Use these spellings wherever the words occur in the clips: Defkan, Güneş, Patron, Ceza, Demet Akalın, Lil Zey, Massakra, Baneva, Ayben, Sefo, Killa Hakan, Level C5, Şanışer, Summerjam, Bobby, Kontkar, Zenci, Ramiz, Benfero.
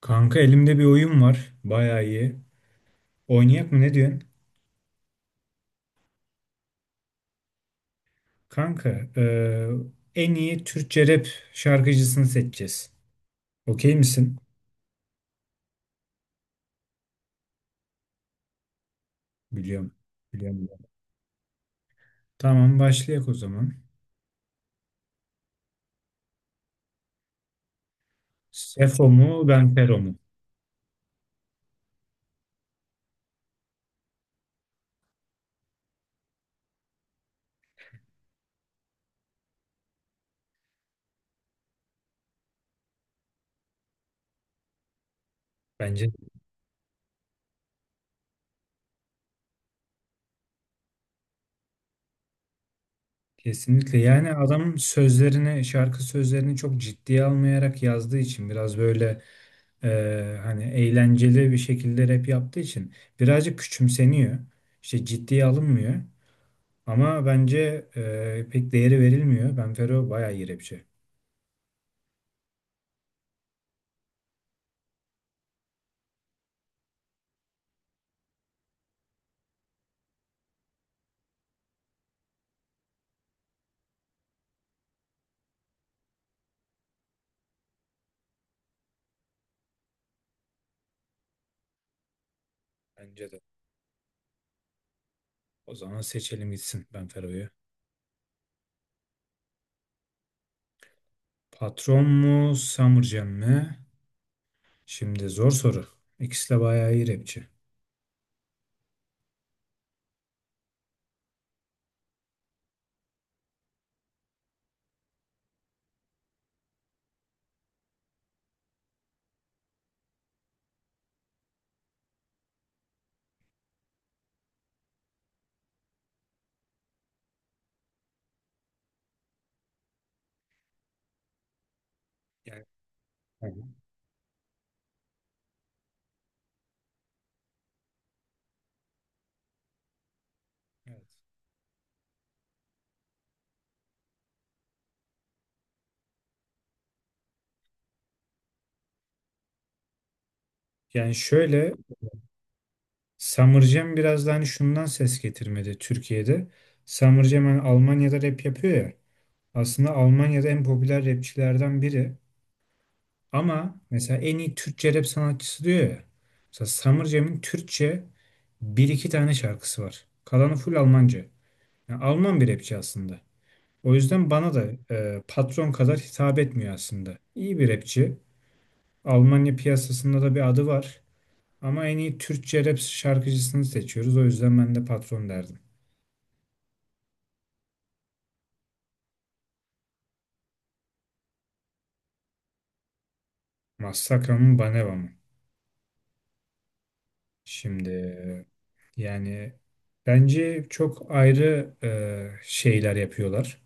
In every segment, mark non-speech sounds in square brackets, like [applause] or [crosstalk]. Kanka elimde bir oyun var. Bayağı iyi. Oynayak mı ne diyorsun? Kanka eee, en iyi Türkçe rap şarkıcısını seçeceğiz. Okey misin? Biliyorum. Biliyorum. Tamam başlayak o zaman. Sefo mu Benfero mu? Bence de. Kesinlikle. Yani adam sözlerini, şarkı sözlerini çok ciddiye almayarak yazdığı için biraz böyle hani eğlenceli bir şekilde rap yaptığı için birazcık küçümseniyor. İşte ciddiye alınmıyor. Ama bence pek değeri verilmiyor. Benfero bayağı iyi rapçi. Bence de. O zaman seçelim gitsin Benfero'yu. Patron mu, Summerjam mı? Şimdi zor soru. İkisi de bayağı iyi rapçi. Yani, hı hı, evet. Yani şöyle Summerjam biraz da hani şundan ses getirmedi Türkiye'de. Summerjam hani Almanya'da rap yapıyor ya. Aslında Almanya'da en popüler rapçilerden biri. Ama mesela en iyi Türkçe rap sanatçısı diyor ya. Mesela Summer Türkçe bir iki tane şarkısı var. Kalanı full Almanca. Yani Alman bir rapçi aslında. O yüzden bana da patron kadar hitap etmiyor aslında. İyi bir rapçi. Almanya piyasasında da bir adı var. Ama en iyi Türkçe rap şarkıcısını seçiyoruz. O yüzden ben de patron derdim. Massakra mı Baneva mı? Şimdi yani bence çok ayrı şeyler yapıyorlar.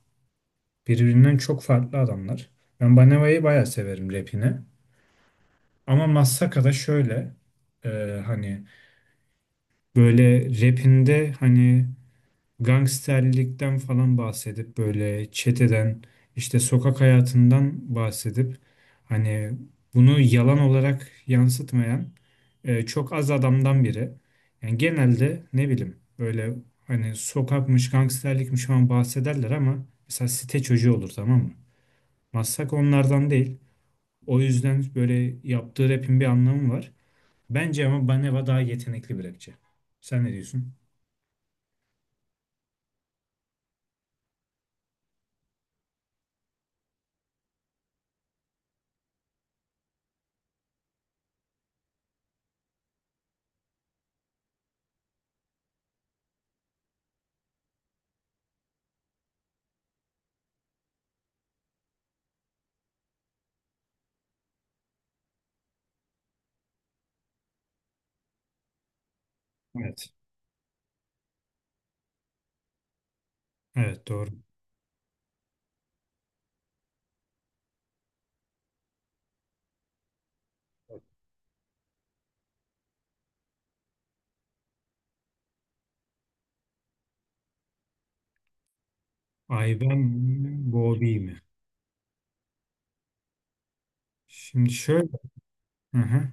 Birbirinden çok farklı adamlar. Ben Baneva'yı bayağı severim rapini. Ama Massaka'da şöyle e, hani böyle rapinde hani gangsterlikten falan bahsedip böyle çeteden işte sokak hayatından bahsedip hani bunu yalan olarak yansıtmayan çok az adamdan biri. Yani genelde ne bileyim böyle hani sokakmış gangsterlikmiş falan bahsederler ama mesela site çocuğu olur tamam mı? Massaka onlardan değil. O yüzden böyle yaptığı rapin bir anlamı var. Bence ama Baneva daha yetenekli bir rapçi. Sen ne diyorsun? Evet. Evet doğru. Ayben mi, Bobby mi? Şimdi şöyle. Hı hı.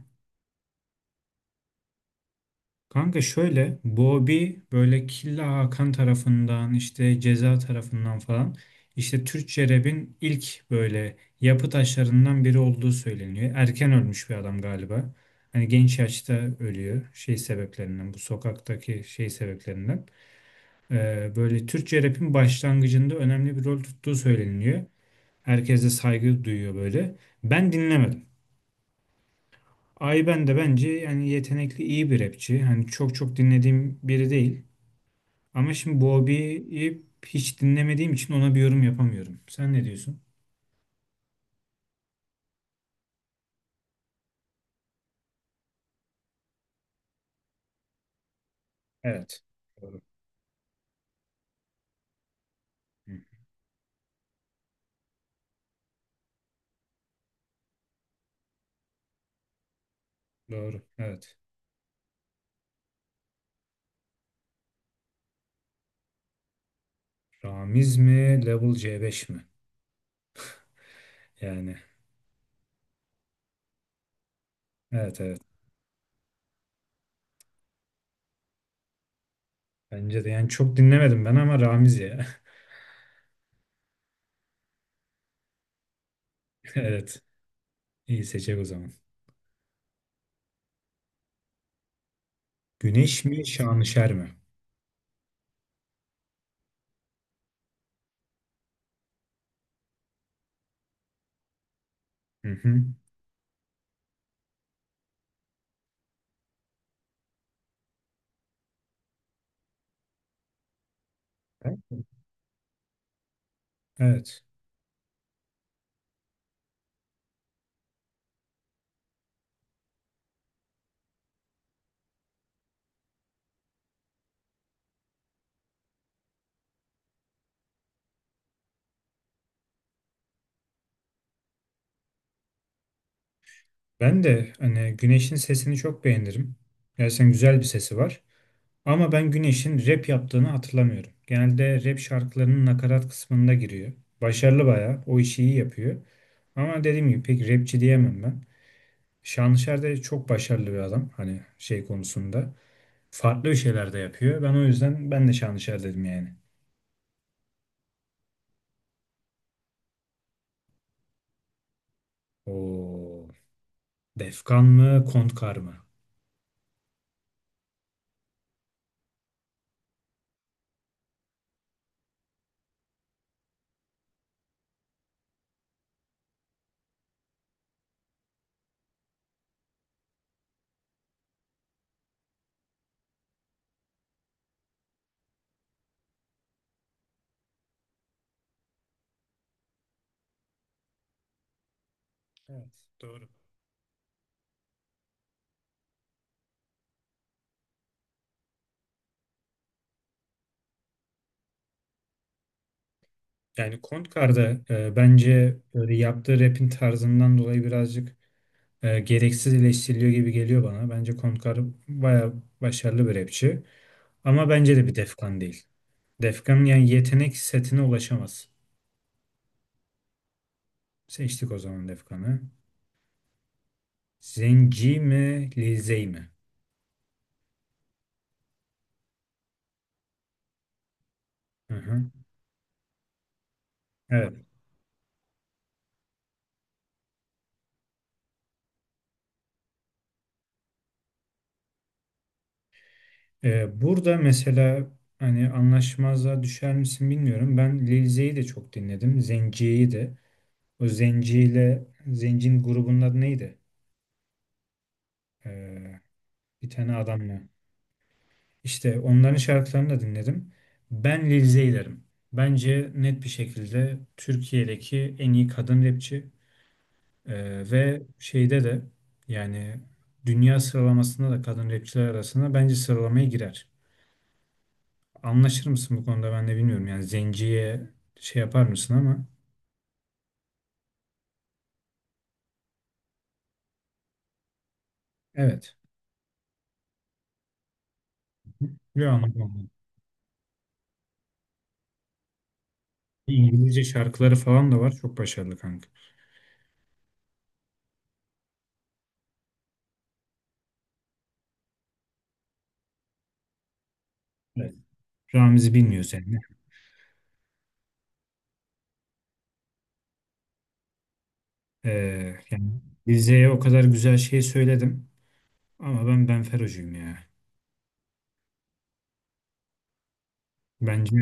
Kanka şöyle Bobby böyle Killa Hakan tarafından işte Ceza tarafından falan işte Türkçe rap'in ilk böyle yapı taşlarından biri olduğu söyleniyor. Erken ölmüş bir adam galiba. Hani genç yaşta ölüyor şey sebeplerinden bu sokaktaki şey sebeplerinden. Böyle Türkçe rap'in başlangıcında önemli bir rol tuttuğu söyleniyor. Herkes de saygı duyuyor böyle. Ben dinlemedim. Ayben de bence yani yetenekli iyi bir rapçi. Hani çok dinlediğim biri değil. Ama şimdi Bobby'yi hiç dinlemediğim için ona bir yorum yapamıyorum. Sen ne diyorsun? Evet. Doğru. Hı, doğru. Evet. Ramiz mi? Level C5 mi? Yani evet. Bence de yani çok dinlemedim ben ama Ramiz ya. [laughs] Evet. İyi seçecek o zaman. Güneş mi? Şanışer mi? Hı hı. Evet. Ben de hani Güneş'in sesini çok beğenirim. Gerçekten güzel bir sesi var. Ama ben Güneş'in rap yaptığını hatırlamıyorum. Genelde rap şarkılarının nakarat kısmında giriyor. Başarılı bayağı. O işi iyi yapıyor. Ama dediğim gibi pek rapçi diyemem ben. Şanlışer de çok başarılı bir adam. Hani şey konusunda. Farklı bir şeyler de yapıyor. Ben o yüzden ben de Şanlışer dedim yani. O Defkan mı, Kontkar mı? Evet, doğru. Yani Kontkar'da bence böyle yaptığı rap'in tarzından dolayı birazcık gereksiz eleştiriliyor gibi geliyor bana. Bence Kontkar baya başarılı bir rapçi. Ama bence de bir Defkan değil. Defkan yani yetenek setine ulaşamaz. Seçtik o zaman Defkan'ı. Zenci mi, Lizey mi? Hı hı. Evet. E, burada mesela hani anlaşmazlığa düşer misin bilmiyorum. Ben Lil Zey'i de çok dinledim. Zenci'yi de. O Zenci ile Zenci'nin grubunun adı neydi? Ee, bir tane adamla. İşte onların şarkılarını da dinledim. Ben Lil Zeyler'im. Bence net bir şekilde Türkiye'deki en iyi kadın rapçi. Ve şeyde de yani dünya sıralamasında da kadın rapçiler arasında bence sıralamaya girer. Anlaşır mısın bu konuda ben de bilmiyorum. Yani Zenci'ye şey yapar mısın ama evet. Biliyor anladım. İngilizce şarkıları falan da var. Çok başarılı kanka. Evet. Ramiz'i bilmiyor sen. Yani Rize'ye o kadar güzel şey söyledim ama ben Benfero'cuyum ya. Bence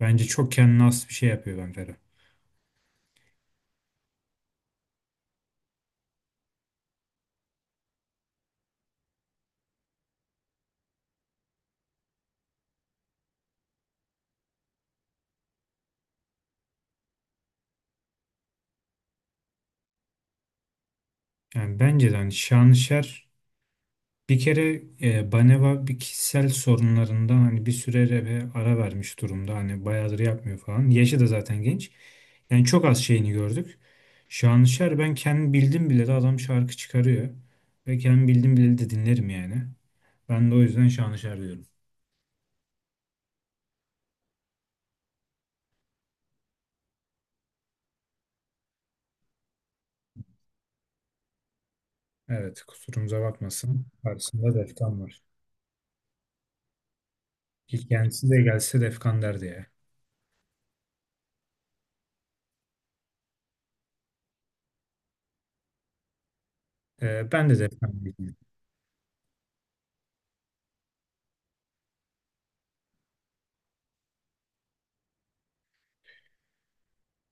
bence çok kendine has bir şey yapıyor Benfero. Yani bence de hani Şanışer bir kere Baneva bir kişisel sorunlarından hani bir süre ara vermiş durumda. Hani bayağıdır yapmıyor falan. Yaşı da zaten genç. Yani çok az şeyini gördük. Şanışer ben kendim bildim bile de adam şarkı çıkarıyor. Ve kendim bildim bile de dinlerim yani. Ben de o yüzden Şanışer diyorum. Evet, kusurumuza bakmasın. Karşısında Defkan var. İlk kendisi de gelse Defkan derdi ya. Ben de Defkan dedim.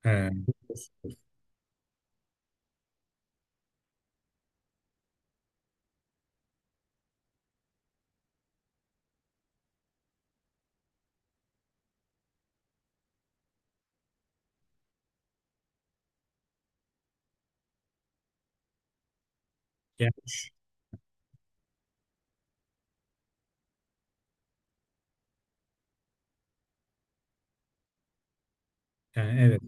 Ee, yani, ş- evet.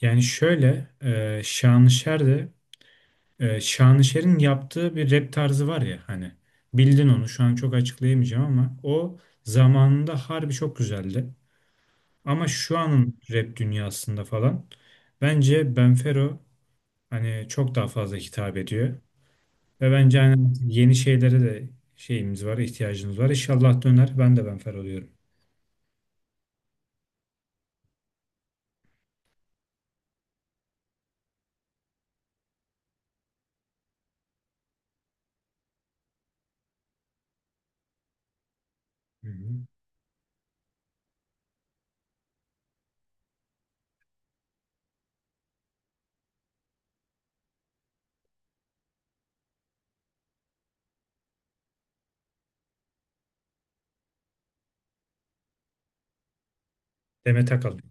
Yani şöyle Şanışer de Şanışer'in yaptığı bir rap tarzı var ya hani bildin onu şu an çok açıklayamayacağım ama o zamanında harbi çok güzeldi. Ama şu anın rap dünyasında falan bence Benfero hani çok daha fazla hitap ediyor. Ve bence hani yeni şeylere de şeyimiz var, ihtiyacımız var. İnşallah döner. Ben de benfer oluyorum. Hı hı. Demet Akalın.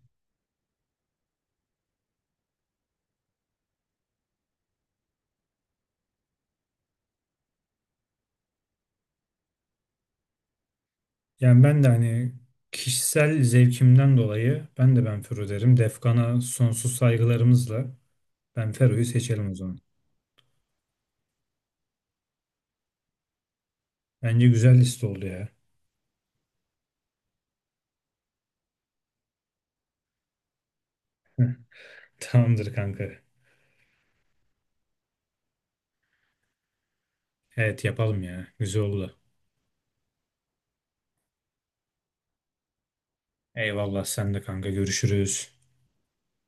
Yani ben de hani kişisel zevkimden dolayı ben de Benfero derim. Defkan'a sonsuz saygılarımızla Benfero'yu seçelim o zaman. Bence güzel liste oldu ya. [laughs] Tamamdır kanka. Evet yapalım ya. Güzel oldu. Eyvallah sen de kanka görüşürüz.